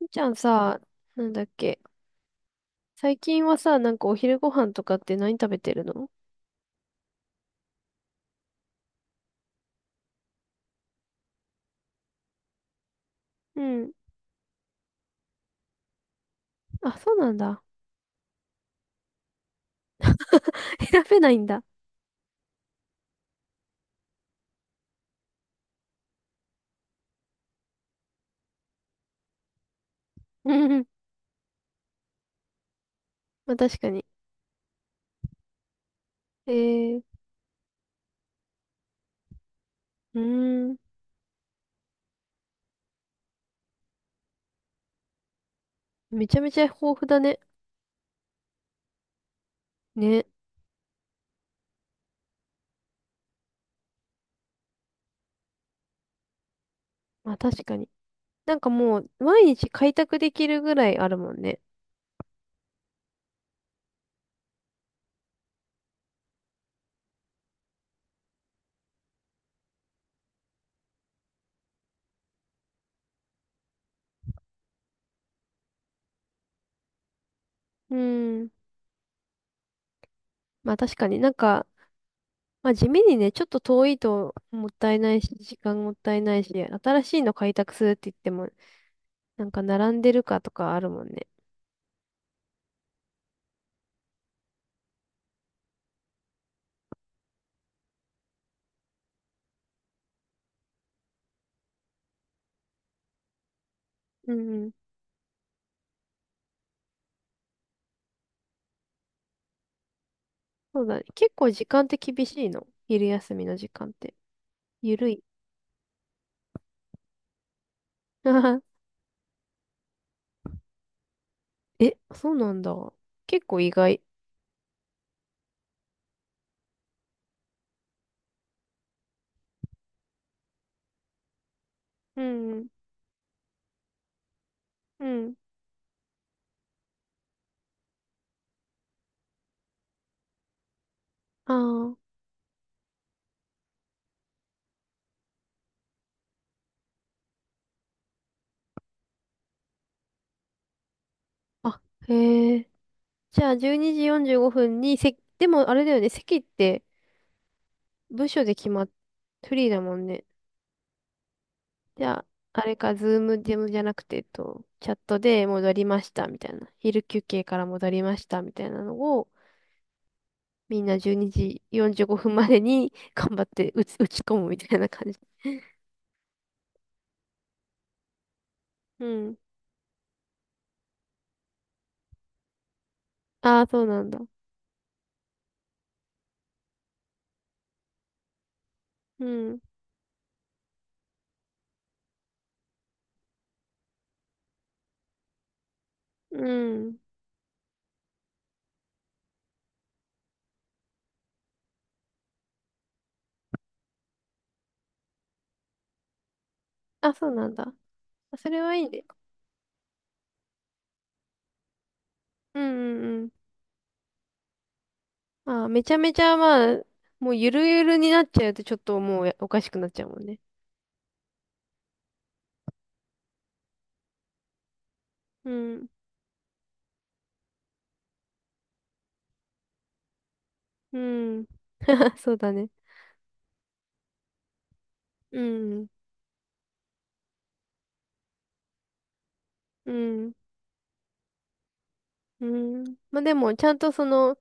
みーちゃんさ、なんだっけ。最近はさ、なんかお昼ご飯とかって何食べてるの？うん。あ、そうなんだ。選べないんだ。うんうん。まあ確かに。えー、うーん。めちゃめちゃ豊富だね。ね。まあ確かに。なんかもう、毎日開拓できるぐらいあるもんね。うーん。まあ確かになんか、まあ地味にね、ちょっと遠いともったいないし、時間もったいないし、新しいの開拓するって言っても、なんか並んでるかとかあるもんね。うん。そうだね。結構時間って厳しいの？昼休みの時間って。ゆるい？え、そうなんだ。結構意外。うん。うん。ああ。あ、へえ。じゃあ、12時45分に席、でもあれだよね。席って部署で決まっ、フリーだもんね。じゃあ、あれか、ズームでもじゃなくて、チャットで戻りましたみたいな。昼休憩から戻りましたみたいなのを、みんな12時45分までに頑張って打ち込むみたいな感じ。うん。ああ、そうなんだ。うん。うん。あ、そうなんだ。あ、それはいいね。うんうんうん。ああ、めちゃめちゃまあ、もうゆるゆるになっちゃうとちょっともうおかしくなっちゃうもんね。うん。うん。そうだね。うん。うん。うん。まあでも、ちゃんとその、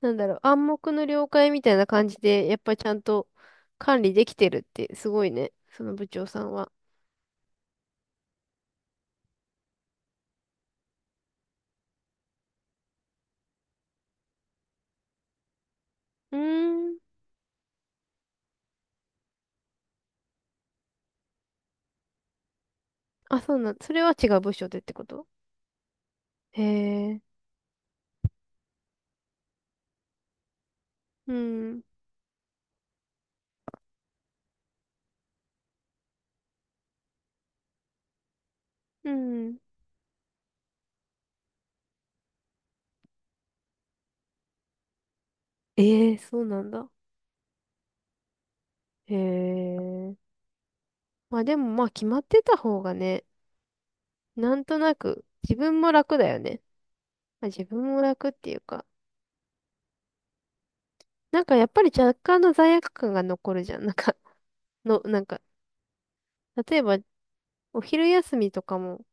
なんだろう、暗黙の了解みたいな感じで、やっぱちゃんと管理できてるってすごいね。その部長さんは。うーん。あ、そうなん、それは違う部署でってこと？へえ。うん。うん。ええ、そうなんだ。へえ。まあでもまあ決まってた方がね、なんとなく自分も楽だよね。まあ、自分も楽っていうか、なんかやっぱり若干の罪悪感が残るじゃん。なんか、の、なんか、例えばお昼休みとかも、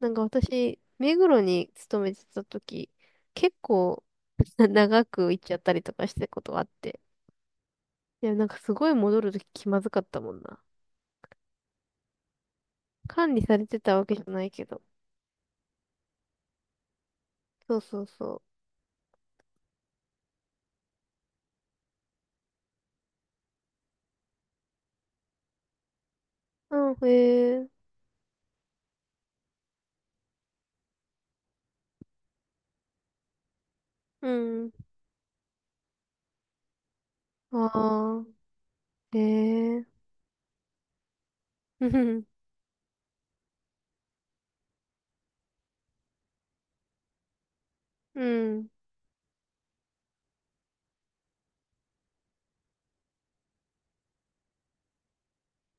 なんか私、目黒に勤めてた時、結構 長く行っちゃったりとかしてたことがあって。いや、なんかすごい戻るとき気まずかったもんな。管理されてたわけじゃないけど。そうそうそう。うん、へえ、うん、ああ、へえ、うん、うん、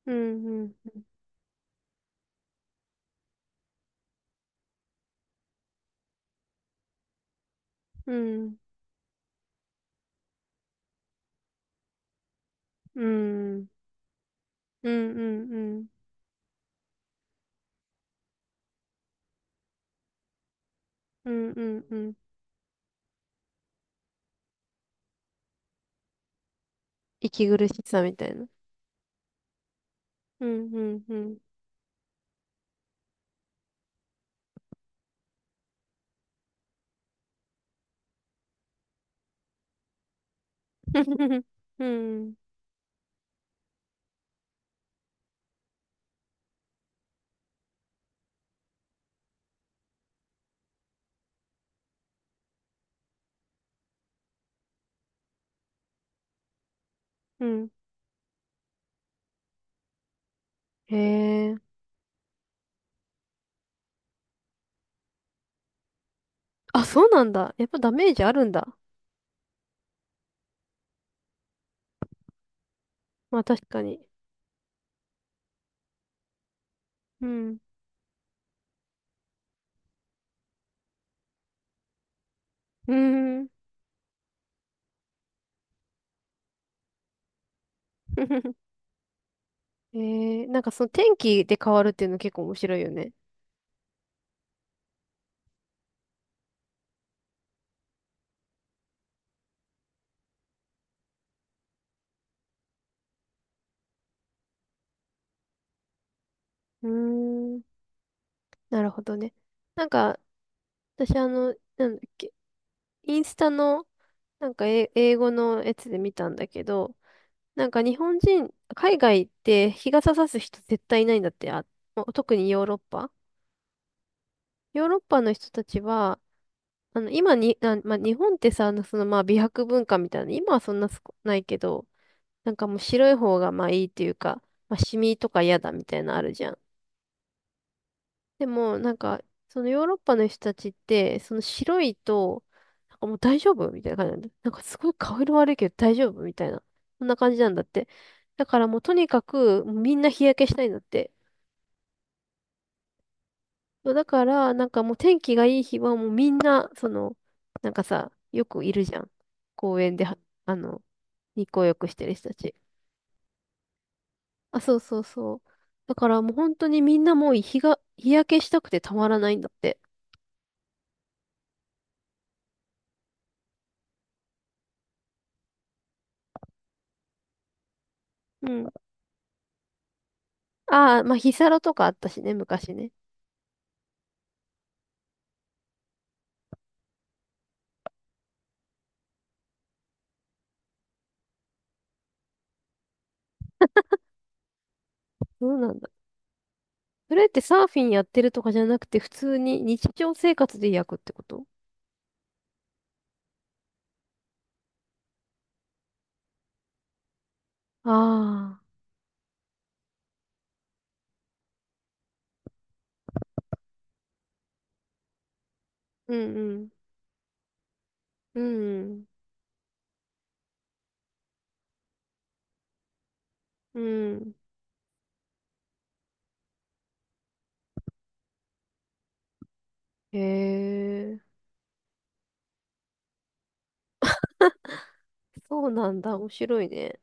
うん、うん、うん、うん、うん、うん、うん、うん、うん。うん息苦しさみたいな。うん、うん、うん、うん、うん、へえ、あ、そうなんだ。やっぱダメージあるんだ。まあ確かに。うん、うん、へ。なんかその天気で変わるっていうの結構面白いよね。うーん、なるほどね。なんか、私あの、なんだっけ、インスタの、なんか英語のやつで見たんだけど、なんか日本人、海外って日傘さす人絶対いないんだって。あ、もう特にヨーロッパ。ヨーロッパの人たちは、あ、まあ、日本ってさ、まあ美白文化みたいな、今はそんなすこないけど、なんかもう白い方がまあいいっていうか、まあシミとか嫌だみたいなのあるじゃん。でも、なんか、そのヨーロッパの人たちって、その白いと、なんかもう大丈夫みたいな感じなんだ。なんかすごい顔色悪いけど大丈夫みたいな。そんな感じなんだって。だからもうとにかく、もうみんな日焼けしたいんだって。そうだから、なんかもう天気がいい日はもうみんな、なんかさ、よくいるじゃん。公園では、あの、日光浴してる人たち。あ、そうそうそう。だからもう本当にみんなもう日焼けしたくてたまらないんだって。うん。ああ、まあ、ヒサロとかあったしね、昔ね。そうなんだ。それってサーフィンやってるとかじゃなくて、普通に日常生活で焼くってこと？ああー、うんうん。うんうん。へえ、そうなんだ。面白いね。